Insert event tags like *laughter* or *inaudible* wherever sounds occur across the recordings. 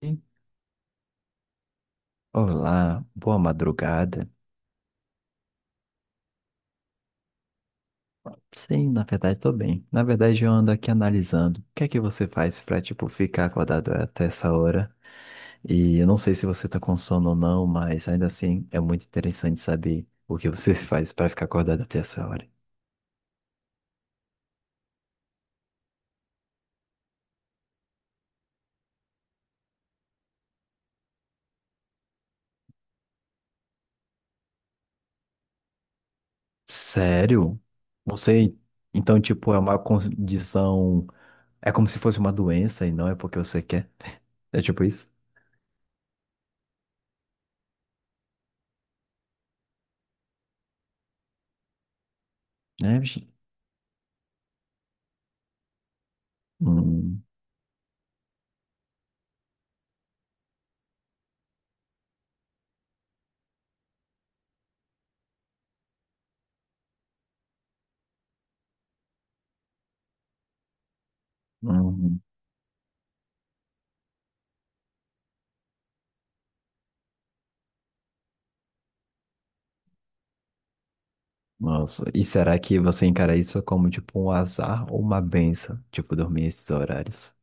Sim. Olá, boa madrugada. Sim, na verdade tô bem. Na verdade eu ando aqui analisando o que é que você faz pra, tipo, ficar acordado até essa hora. E eu não sei se você tá com sono ou não, mas ainda assim é muito interessante saber o que você *laughs* faz pra ficar acordado até essa hora. Sério? Você, então, tipo, é uma condição, é como se fosse uma doença e não é porque você quer. *laughs* É tipo isso? É. Bicho? Hum, hum. Nossa, e será que você encara isso como tipo um azar ou uma benção? Tipo, dormir esses horários?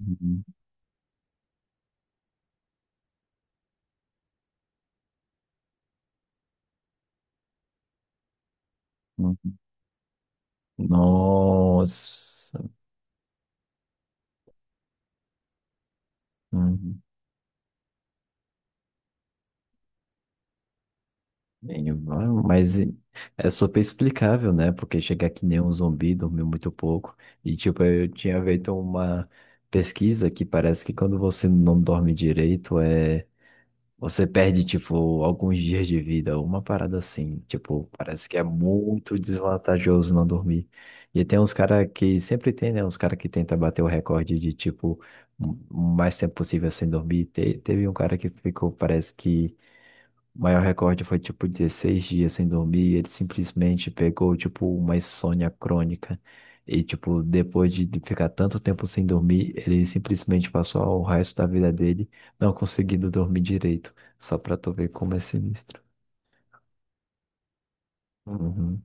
Uhum, uhum. Nossa. Uhum. Bem, vai. É super explicável, né? Porque chegar que nem um zumbi, dormiu muito pouco. E tipo, eu tinha feito uma pesquisa que parece que quando você não dorme direito, é. Você perde, tipo, alguns dias de vida, uma parada assim. Tipo, parece que é muito desvantajoso não dormir. E tem uns caras que sempre tem, né? Uns caras que tenta bater o recorde de, tipo, um, o mais tempo possível sem dormir. Teve um cara que ficou, parece que. O maior recorde foi tipo 16 dias sem dormir. Ele simplesmente pegou tipo uma insônia crônica. E tipo, depois de ficar tanto tempo sem dormir, ele simplesmente passou o resto da vida dele não conseguindo dormir direito. Só pra tu ver como é sinistro. Uhum.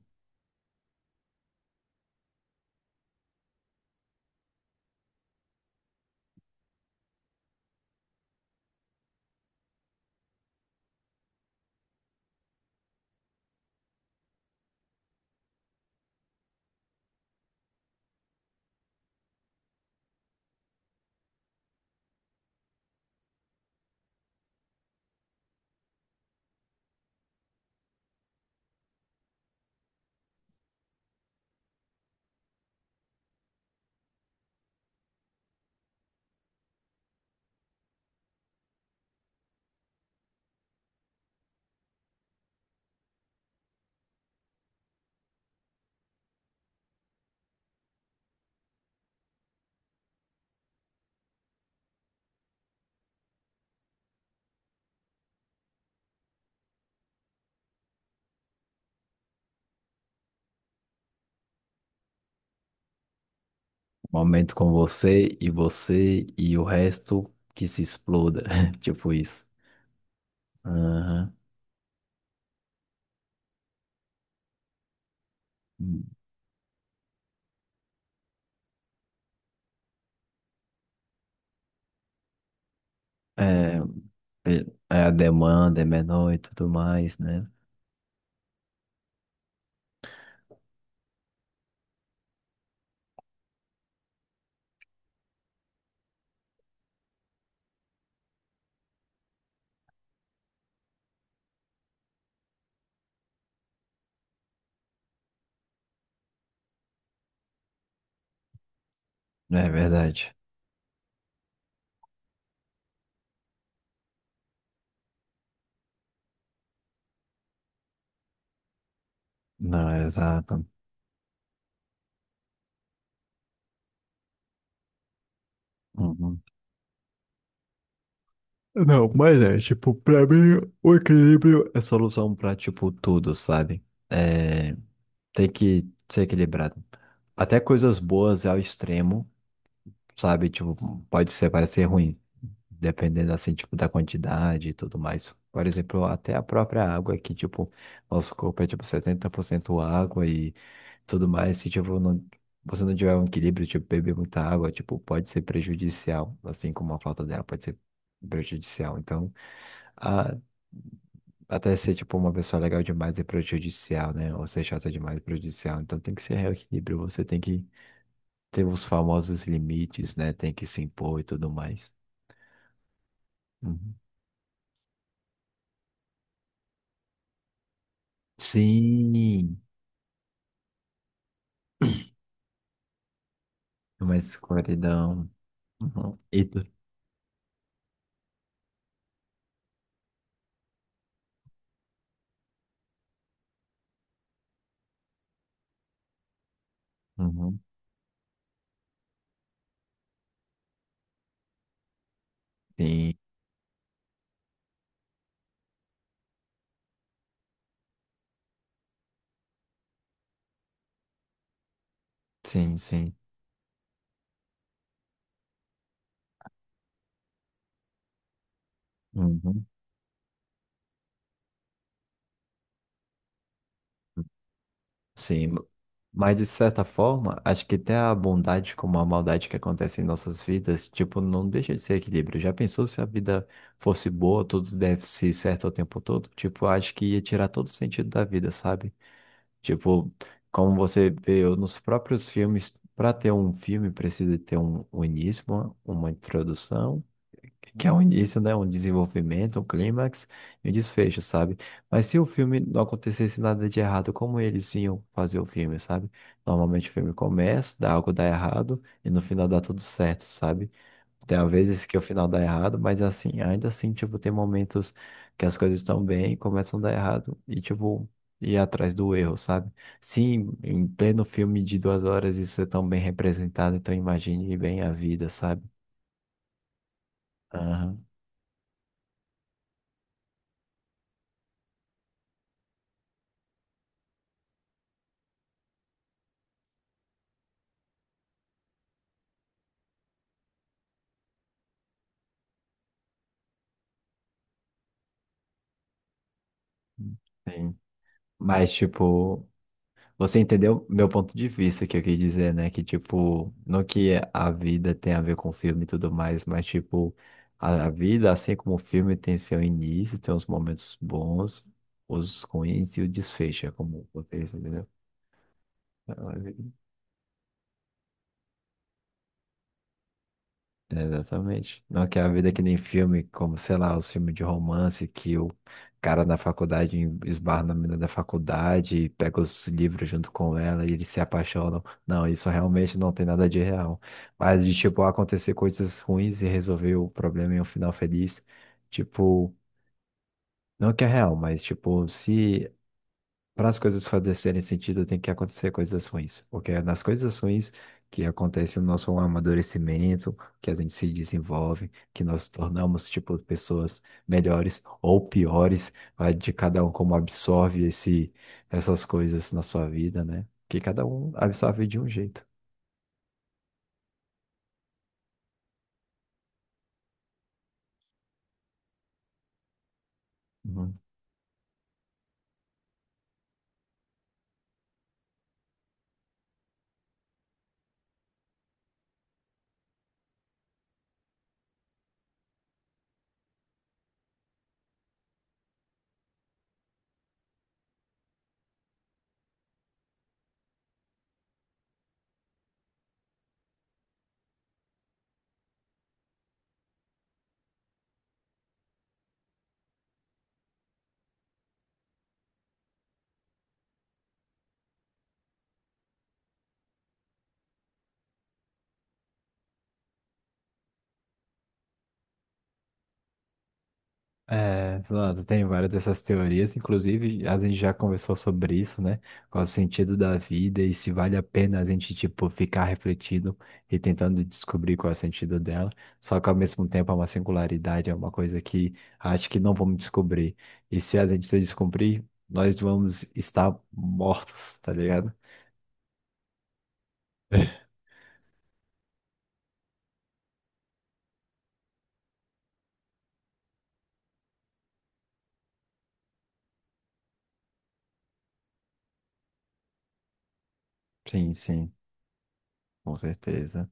Momento com você e você e o resto que se exploda. *laughs* Tipo isso. Aham. É, é, é a demanda é menor e tudo mais, né? É verdade. Não, é exato. Uhum. Não, mas é, tipo, pra mim, o equilíbrio é solução pra, tipo, tudo, sabe? É, tem que ser equilibrado. Até coisas boas ao extremo, sabe? Tipo, pode ser, parecer ruim, dependendo, assim, tipo, da quantidade e tudo mais. Por exemplo, até a própria água que, tipo, nosso corpo é, tipo, 70% água e tudo mais. Se, tipo, não, você não tiver um equilíbrio, tipo, beber muita água, tipo, pode ser prejudicial, assim como a falta dela pode ser prejudicial. Então, a, até ser, tipo, uma pessoa legal demais é prejudicial, né? Ou ser chata demais é prejudicial. Então, tem que ser equilíbrio, você tem que ter os famosos limites, né? Tem que se impor e tudo mais. Uhum. Sim, uma escuridão. Uhum. E tu- Uhum. Sim, sim, sim. Uhum. Sim. Mas de certa forma, acho que até a bondade como a maldade que acontece em nossas vidas, tipo, não deixa de ser equilíbrio. Já pensou se a vida fosse boa, tudo deve ser certo o tempo todo? Tipo, acho que ia tirar todo o sentido da vida, sabe? Tipo, como você vê nos próprios filmes, para ter um filme precisa ter um, um início, uma introdução. Que é um início, né? Um desenvolvimento, um clímax e um desfecho, sabe? Mas se o filme não acontecesse nada de errado, como eles iam fazer o filme, sabe? Normalmente o filme começa, dá algo dá errado e no final dá tudo certo, sabe? Tem às vezes que o final dá errado, mas assim, ainda assim, tipo, tem momentos que as coisas estão bem e começam a dar errado e, tipo, ir atrás do erro, sabe? Sim, em pleno filme de 2 horas isso é tão bem representado, então imagine bem a vida, sabe? Aham. Sim. Mas, tipo, você entendeu meu ponto de vista que eu quis dizer, né? Que, tipo, não que a vida tem a ver com filme e tudo mais, mas, tipo, a vida, assim como o filme, tem seu início, tem os momentos bons, os ruins e o desfecho, é como você entendeu? É, exatamente. Não que a vida é que nem filme, como, sei lá, os filmes de romance que o cara na faculdade esbarra na menina da faculdade, e pega os livros junto com ela e eles se apaixonam. Não, isso realmente não tem nada de real. Mas de, tipo, acontecer coisas ruins e resolver o problema em um final feliz, tipo, não que é real, mas, tipo, se para as coisas fazerem sentido, tem que acontecer coisas ruins, porque é nas coisas ruins que acontece o nosso amadurecimento, que a gente se desenvolve, que nós tornamos, tipo, pessoas melhores ou piores, vai de cada um como absorve esse, essas coisas na sua vida, né? Que cada um absorve de um jeito. Né? É, Fernando, tem várias dessas teorias, inclusive a gente já conversou sobre isso, né? Qual o sentido da vida e se vale a pena a gente, tipo, ficar refletindo e tentando descobrir qual é o sentido dela. Só que ao mesmo tempo é uma singularidade, é uma coisa que acho que não vamos descobrir. E se a gente se descobrir, nós vamos estar mortos, tá ligado? *laughs* Sim, sim, com certeza.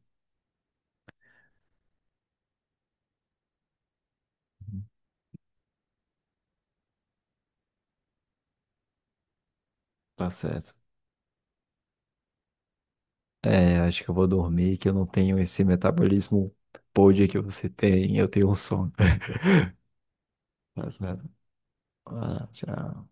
Tá certo. É, acho que eu vou dormir, que eu não tenho esse metabolismo pôde que você tem, eu tenho um sono. *laughs* Mas, né, ah, tchau.